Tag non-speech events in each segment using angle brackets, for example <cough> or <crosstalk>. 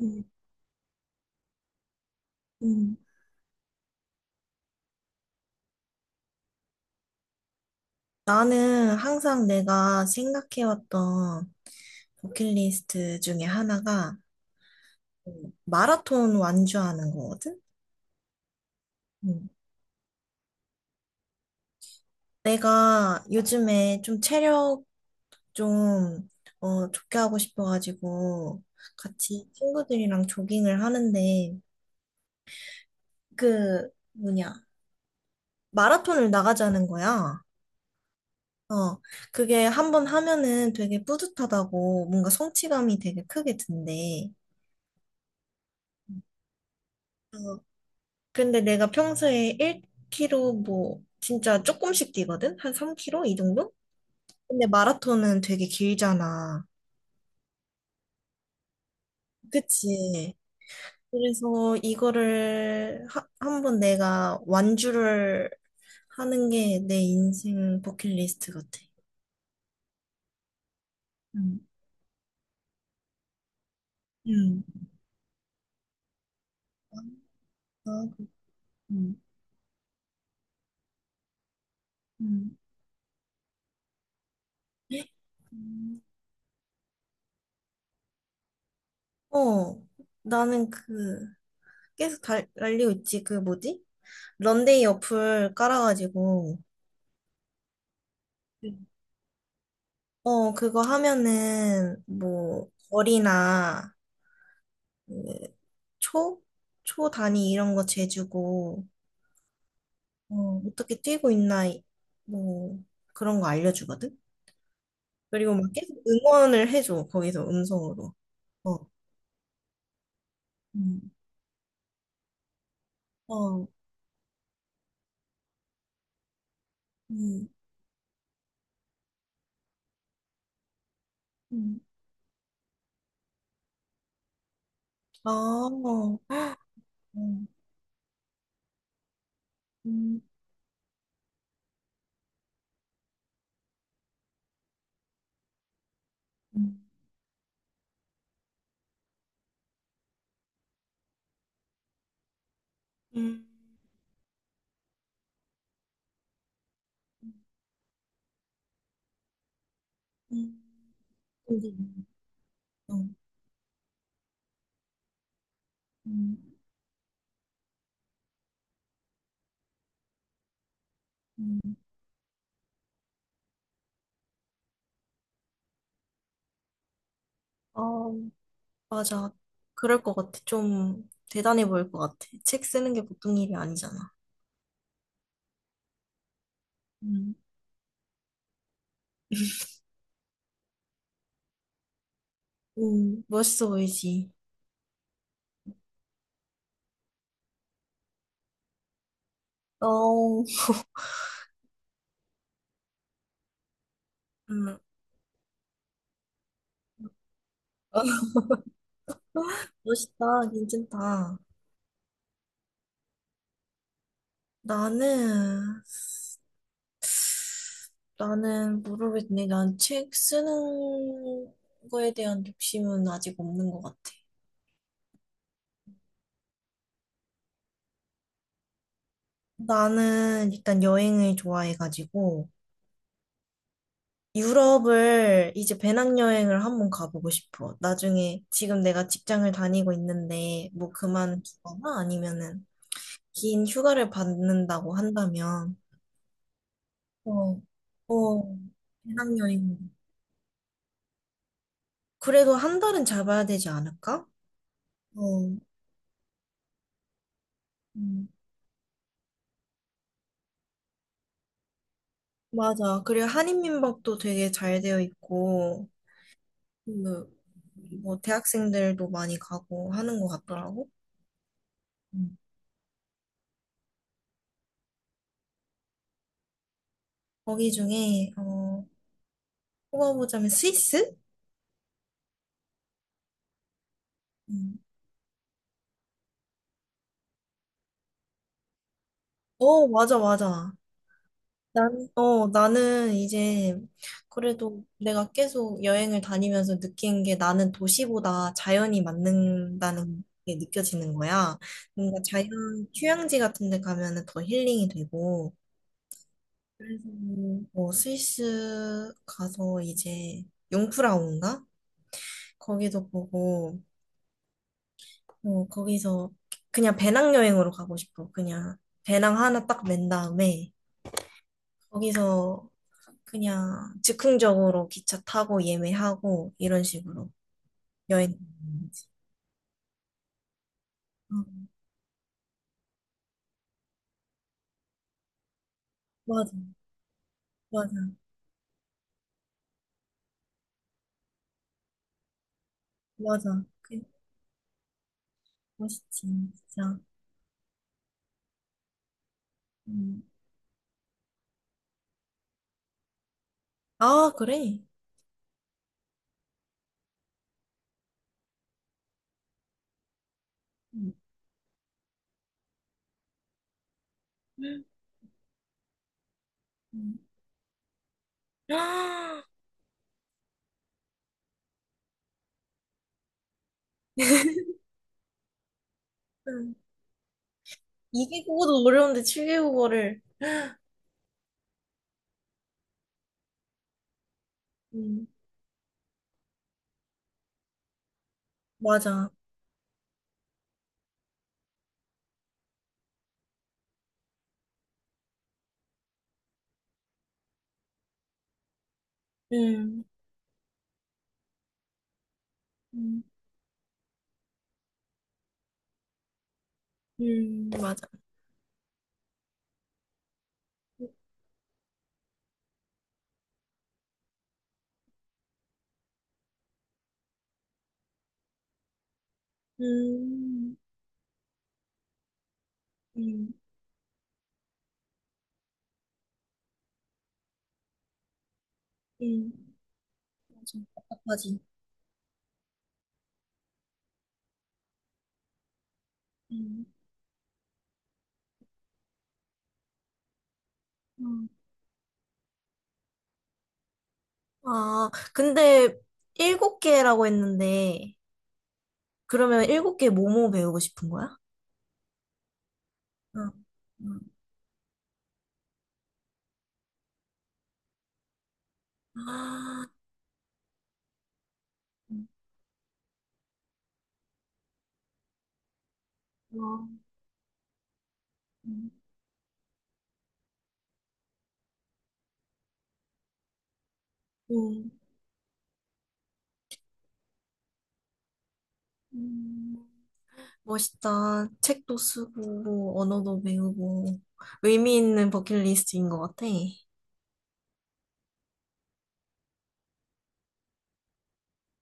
음. 음. 나는 항상 내가 생각해왔던 버킷리스트 중에 하나가 마라톤 완주하는 거거든? 음. 내가 요즘에 좀 체력 좀, 좋게 하고 싶어가지고 같이 친구들이랑 조깅을 하는데 그, 뭐냐, 마라톤을 나가자는 거야. 어, 그게 한번 하면은 되게 뿌듯하다고 뭔가 성취감이 되게 크게 든대. 어, 근데 내가 평소에 1km 뭐 진짜 조금씩 뛰거든? 한 3km 이 정도? 근데 마라톤은 되게 길잖아. 그치. 그래서 이거를 한번 내가 완주를 하는 게 내 인생 버킷리스트 같아. 응. 응. 아, 응. 응. 음. 어, 나는 그, 계속 달리고 있지. 그 뭐지? 런데이 어플 깔아가지고. 그거 하면은, 뭐, 벌이나, 그 초? 초 단위 이런 거 재주고, 어, 어떻게 뛰고 있나, 뭐, 그런 거 알려주거든? 그리고 막 계속 응원을 해줘, 거기서 음성으로. 어. 음. 어. 음. 음. 아. 어. 헉. 음. 음. 음. 음. 음. 음. 음. 음. 음. 어. 맞아. 그럴 것 같아. 좀 대단해 보일 것 같아. 책 쓰는 게 보통 일이 아니잖아. 음. 음. 멋있어 보이지. 어. 음. <laughs> 멋있다. 괜찮다. 나는, 나는 모르겠네. 난 책 쓰는 거에 대한 욕심은 아직 없는 것 같아. 나는 일단 여행을 좋아해가지고, 유럽을 이제 배낭여행을 한번 가보고 싶어. 나중에 지금 내가 직장을 다니고 있는데 뭐 그만두거나 아니면은 긴 휴가를 받는다고 한다면 어. 어. 배낭여행. 그래도 한 달은 잡아야 되지 않을까? 어. 음. 맞아. 그리고 한인민박도 되게 잘 되어 있고 그 뭐 대학생들도 많이 가고 하는 것 같더라고. 음. 거기 중에 뽑아보자면 스위스? 음. 어, 맞아, 맞아. 나는 이제 그래도 내가 계속 여행을 다니면서 느낀 게 나는 도시보다 자연이 맞는다는 게 느껴지는 거야. 뭔가 자연 휴양지 같은 데 가면은 더 힐링이 되고. 그래서 뭐 스위스 가서 이제 융프라우인가? 거기도 보고, 거기서 그냥 배낭여행으로 가고 싶어. 그냥 배낭 하나 딱 맨 다음에 거기서 그냥 즉흥적으로 기차 타고 예매하고 이런 식으로 여행. 다니는 거지. 어 맞아, 맞아, 맞아. 멋있지, 진짜. 음. 아, 그래. 음. 음. 아. 음. 2개국어도 <laughs> 어려운데 7개국어를. 음. 맞아. 음. 음. 음. 맞아. 음. 음. 음. 맞아. 답답하지. 음. 음. 아, 근데 일곱 개라고 했는데, 그러면 일곱 개 뭐뭐 배우고 싶은 거야? 응. 응. 아. 어. 음. 음. 음. 멋있다. 책도 쓰고, 뭐 언어도 배우고, 의미 있는 버킷리스트인 것 같아.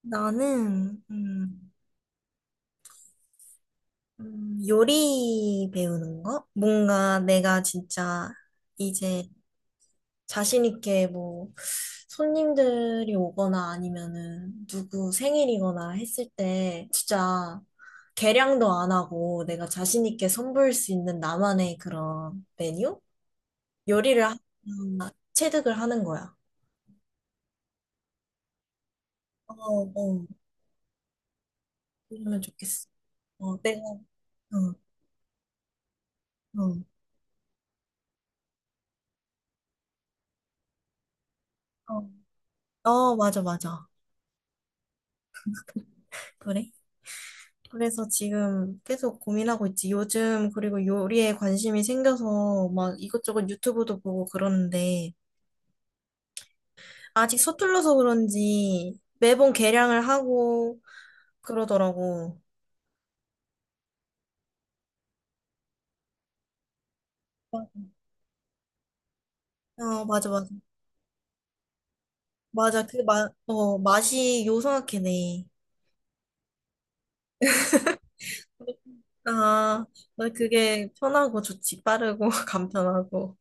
나는, 요리 배우는 거? 뭔가 내가 진짜 이제 자신 있게 뭐 손님들이 오거나 아니면은 누구 생일이거나 했을 때 진짜 계량도 안 하고 내가 자신 있게 선보일 수 있는 나만의 그런 메뉴? 요리를 하, 음, 체득을 하는 거야. 어. 어. 그러면 좋겠어. 어, 내가, 응, 응, 어, 어, 맞아, 맞아. 그래? 그래서 지금 계속 고민하고 있지. 요즘 그리고 요리에 관심이 생겨서 막 이것저것 유튜브도 보고 그러는데 아직 서툴러서 그런지 매번 개량을 하고 그러더라고. 아, 맞아, 맞아. 맞아. 맛이 요상하게네. 아, 나 그게 편하고 좋지. 빠르고 <laughs> 간편하고.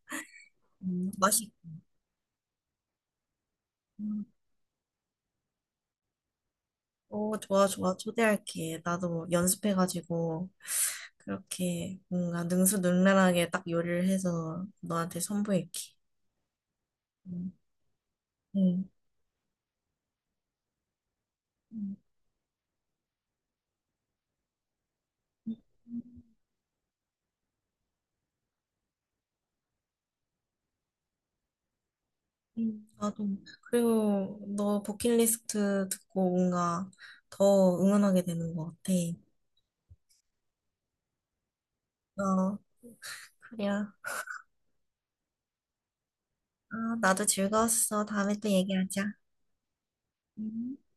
맛이. 음. 어. 좋아, 좋아. 초대할게. 나도 연습해가지고 그렇게 뭔가 능수능란하게 딱 요리를 해서 너한테 선보일게. 응. 응. 음. 음. 나도. 그리고 너 버킷리스트 듣고 뭔가 더 응원하게 되는 것 같아. 어, 그래. 아, 나도 즐거웠어. 다음에 또 얘기하자. 음.